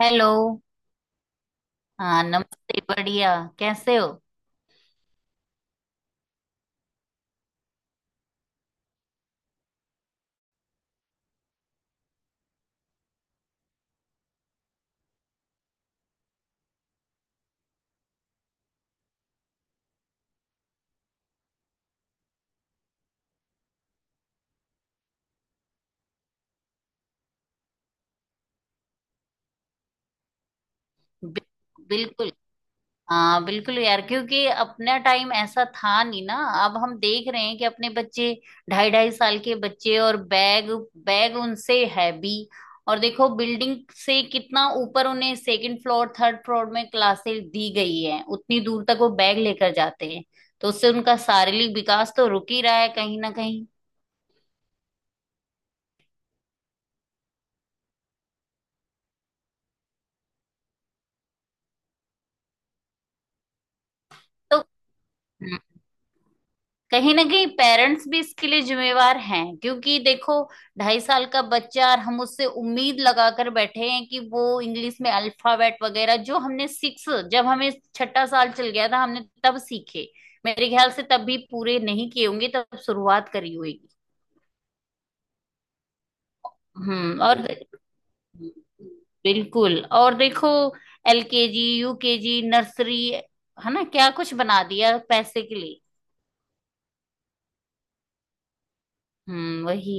Hello. हाँ, नमस्ते। बढ़िया। कैसे हो? बिल्कुल। हाँ, बिल्कुल यार, क्योंकि अपना टाइम ऐसा था नहीं ना। अब हम देख रहे हैं कि अपने बच्चे, ढाई ढाई साल के बच्चे, और बैग। बैग उनसे हैवी। और देखो, बिल्डिंग से कितना ऊपर उन्हें सेकंड फ्लोर, थर्ड फ्लोर में क्लासेस दी गई है, उतनी दूर तक वो बैग लेकर जाते हैं। तो उससे उनका शारीरिक विकास तो रुक ही रहा है कहीं ना कहीं। तो कहीं ना कहीं पेरेंट्स भी इसके लिए जिम्मेवार हैं, क्योंकि देखो, ढाई साल का बच्चा और हम उससे उम्मीद लगाकर बैठे हैं कि वो इंग्लिश में अल्फाबेट वगैरह जो हमने सिक्स, जब हमें छठा साल चल गया था हमने तब सीखे। मेरे ख्याल से तब भी पूरे नहीं किए होंगे, तब शुरुआत करी होगी। हम्म। और बिल्कुल। बिल्कुल। और देखो, एलकेजी, यूकेजी, नर्सरी, है ना, क्या कुछ बना दिया पैसे के लिए। हम्म, वही।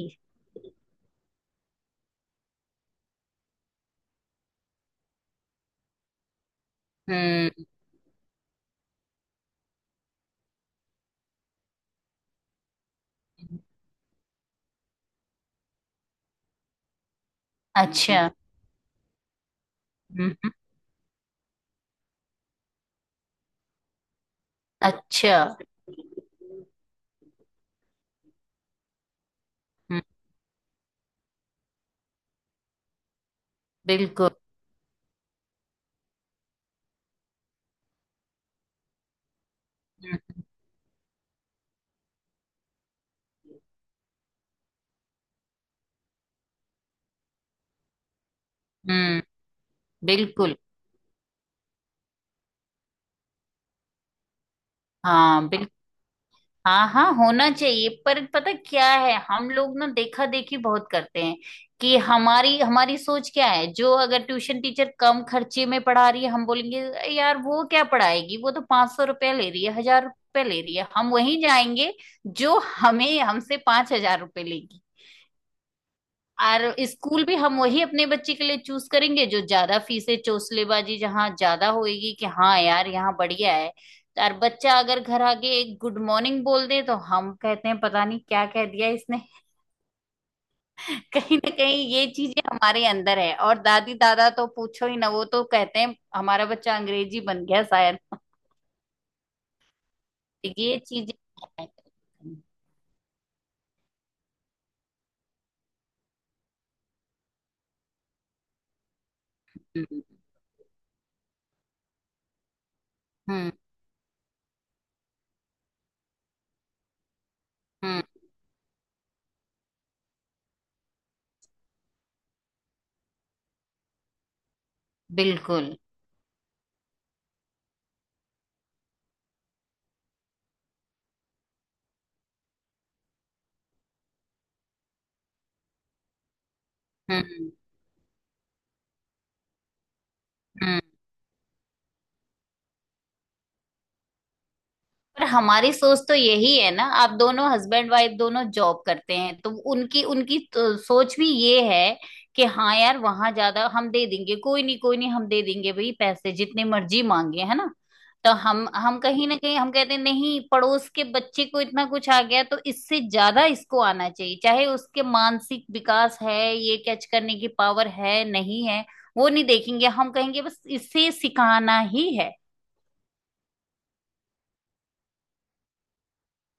हम्म। अच्छा। हम्म। अच्छा। हम्म, बिल्कुल। हम्म। हम्म, बिल्कुल। हाँ, बिल्कुल। हाँ हाँ, होना चाहिए, पर पता क्या है, हम लोग ना देखा देखी बहुत करते हैं। कि हमारी हमारी सोच क्या है, जो अगर ट्यूशन टीचर कम खर्चे में पढ़ा रही है, हम बोलेंगे "अरे यार वो क्या पढ़ाएगी, वो तो पांच सौ रुपया ले रही है, हजार रुपया ले रही है, हम वहीं जाएंगे जो हमें, हमसे पांच हजार रुपये लेगी।" और स्कूल भी हम वही अपने बच्चे के लिए चूज करेंगे जो ज्यादा फीसें, चोंसलेबाजी जहाँ ज्यादा होएगी, कि हाँ यार यहाँ बढ़िया है। और बच्चा अगर घर आके एक गुड मॉर्निंग बोल दे तो हम कहते हैं पता नहीं क्या कह दिया इसने। कहीं ना कहीं ये चीजें हमारे अंदर है। और दादी दादा तो पूछो ही ना, वो तो कहते हैं हमारा बच्चा अंग्रेजी बन गया शायद। ये चीजें। हम्म। हम्म। हम्म, बिल्कुल। हम्म। हम्म। पर हमारी सोच तो यही है ना। आप दोनों, हस्बैंड वाइफ दोनों जॉब करते हैं, तो उनकी उनकी तो सोच भी ये है कि हाँ यार, वहां ज्यादा हम दे देंगे, कोई नहीं हम दे देंगे, भाई पैसे जितने मर्जी मांगे, है ना। तो हम कहीं ना कहीं हम कहते हैं, नहीं, पड़ोस के बच्चे को इतना कुछ आ गया तो इससे ज्यादा इसको आना चाहिए, चाहे उसके मानसिक विकास है, ये कैच करने की पावर है नहीं है, वो नहीं देखेंगे। हम कहेंगे बस इसे सिखाना ही है।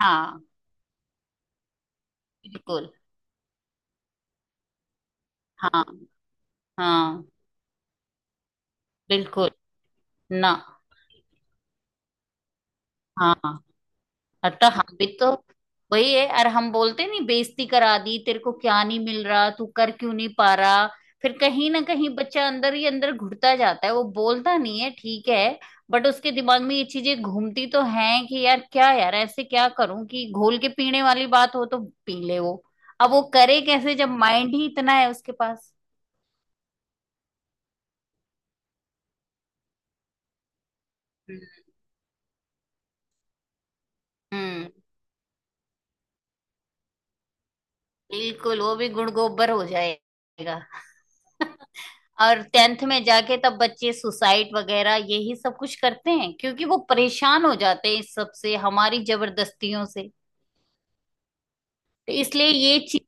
हाँ, बिल्कुल। हाँ हाँ, बिल्कुल। ना। हाँ, अतः हम भी तो वही है। और हम बोलते नहीं, बेइज्जती करा दी तेरे को, क्या नहीं मिल रहा, तू कर क्यों नहीं पा रहा। फिर कहीं ना कहीं बच्चा अंदर ही अंदर घुटता जाता है, वो बोलता नहीं है, ठीक है, बट उसके दिमाग में ये चीजें घूमती तो हैं कि यार, क्या यार ऐसे, क्या करूं कि घोल के पीने वाली बात हो तो पी ले वो। अब वो करे कैसे जब माइंड ही इतना है उसके पास। हम्म। बिल्कुल, वो भी गुण गोबर हो जाएगा। और टेंथ में जाके तब बच्चे सुसाइड वगैरह यही सब कुछ करते हैं, क्योंकि वो परेशान हो जाते हैं इस सब से, हमारी जबरदस्तियों से। तो इसलिए ये चीज।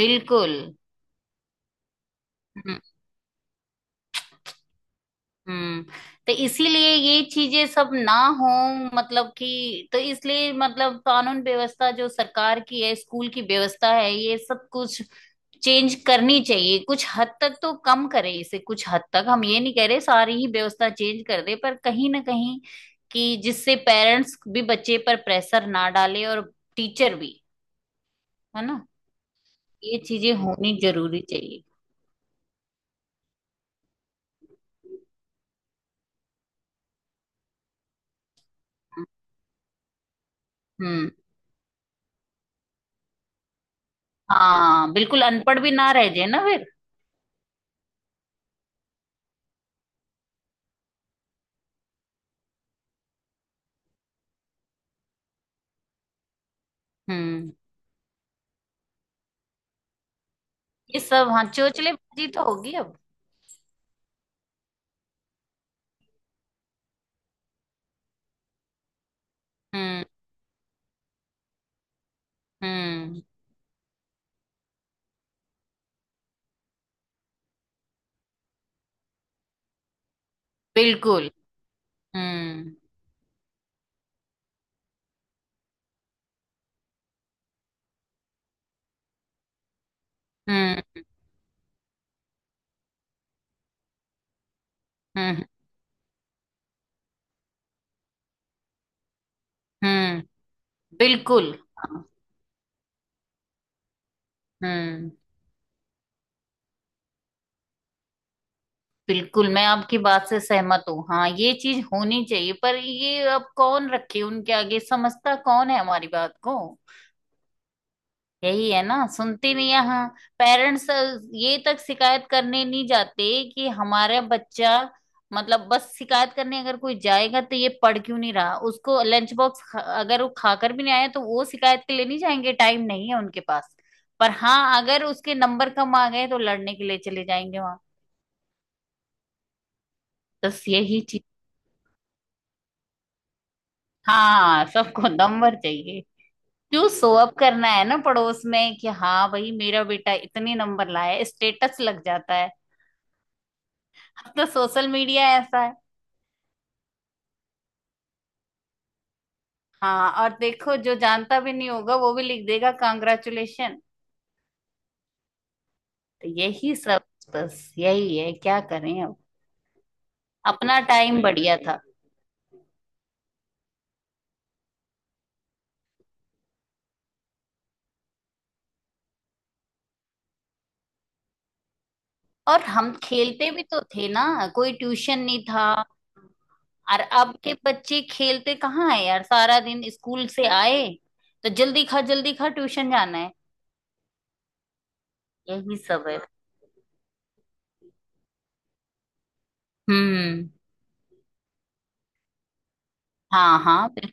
बिल्कुल। हम्म। तो इसीलिए ये चीजें सब ना हो। मतलब कि, तो इसलिए मतलब, कानून व्यवस्था जो सरकार की है, स्कूल की व्यवस्था है, ये सब कुछ चेंज करनी चाहिए, कुछ हद तक तो कम करे इसे। कुछ हद तक हम ये नहीं कह रहे सारी ही व्यवस्था चेंज कर दे, पर कहीं ना कहीं, कि जिससे पेरेंट्स भी बच्चे पर प्रेशर ना डाले और टीचर भी, है ना। ये चीजें होनी जरूरी चाहिए। हम्म। हाँ, बिल्कुल अनपढ़ भी ना रह जाए ना फिर। हम्म। ये सब, हाँ, चोचले बाजी तो होगी अब। हम्म। हम्म। बिल्कुल। हम्म। हम्म। हम्म। हम्म, बिल्कुल। हाँ। हम्म। बिल्कुल, मैं आपकी बात से सहमत हूँ। हाँ, ये चीज होनी चाहिए, पर ये अब कौन रखे उनके आगे, समझता कौन है हमारी बात को। यही है ना, सुनते नहीं है। हाँ, पेरेंट्स ये तक शिकायत करने नहीं जाते कि हमारा बच्चा, मतलब बस शिकायत करने अगर कोई जाएगा तो ये पढ़ क्यों नहीं रहा, उसको लंच बॉक्स अगर वो खाकर भी नहीं आया तो वो शिकायत के लिए नहीं जाएंगे, टाइम नहीं है उनके पास। पर हाँ, अगर उसके नंबर कम आ गए तो लड़ने के लिए चले जाएंगे वहां। बस यही चीज। हाँ, सबको नंबर चाहिए। क्यों, शो अप करना है ना पड़ोस में, कि हाँ भाई मेरा बेटा इतने नंबर लाया है, स्टेटस लग जाता। तो सोशल मीडिया ऐसा है। हाँ, और देखो, जो जानता भी नहीं होगा वो भी लिख देगा कांग्रेचुलेशन। तो यही सब, बस यही है, क्या करें अब। अपना टाइम बढ़िया था। और हम खेलते भी तो थे ना, कोई ट्यूशन नहीं था। और अब के बच्चे खेलते कहाँ है यार, सारा दिन स्कूल से आए तो जल्दी खा जल्दी खा, ट्यूशन जाना है। यही सब है। हम्म। हाँ हाँ,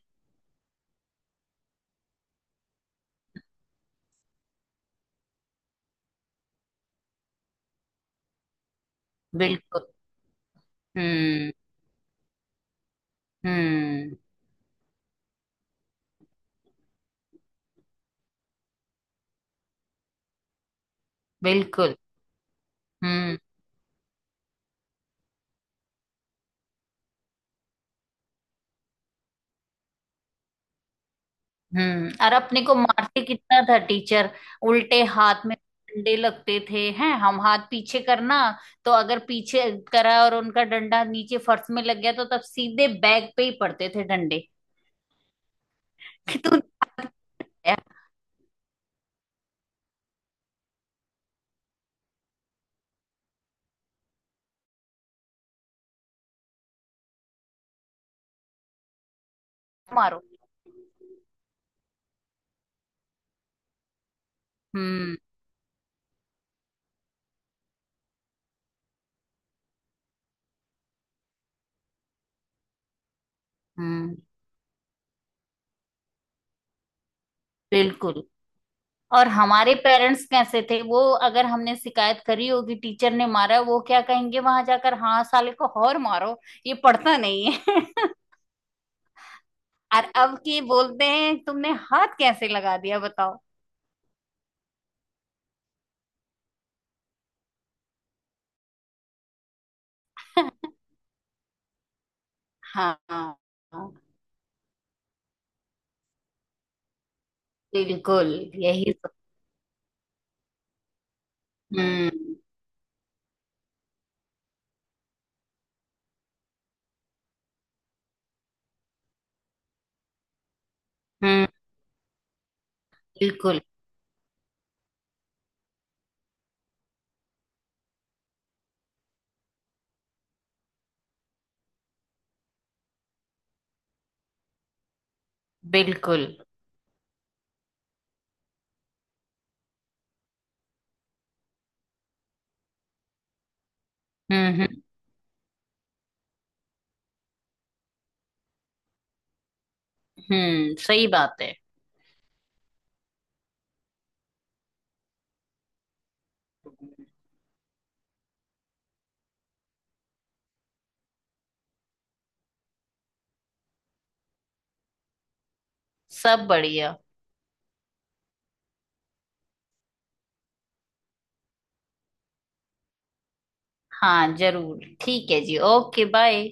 बिल्कुल। हम्म। हम्म। बिल्कुल। हम्म। हम्म। और अपने को मारते कितना था टीचर, उल्टे हाथ में डंडे लगते थे, हैं हम हाथ पीछे करना, तो अगर पीछे करा और उनका डंडा नीचे फर्श में लग गया तो तब सीधे बैग पे ही पड़ते थे डंडे। कि तू हाथ किया है, मारो। हम्म। हम्म, बिल्कुल। और हमारे पेरेंट्स कैसे थे वो, अगर हमने शिकायत करी होगी टीचर ने मारा, वो क्या कहेंगे वहां जाकर, हाँ साले को और मारो, ये पढ़ता नहीं है। और अब की बोलते हैं तुमने हाथ कैसे लगा दिया बताओ। हाँ हाँ, बिल्कुल। यही तो। हम्म। हम्म, बिल्कुल। बिल्कुल। हम्म। हम्म। हम्म, सही बात है। सब बढ़िया। हाँ जरूर, ठीक है जी, ओके, बाय।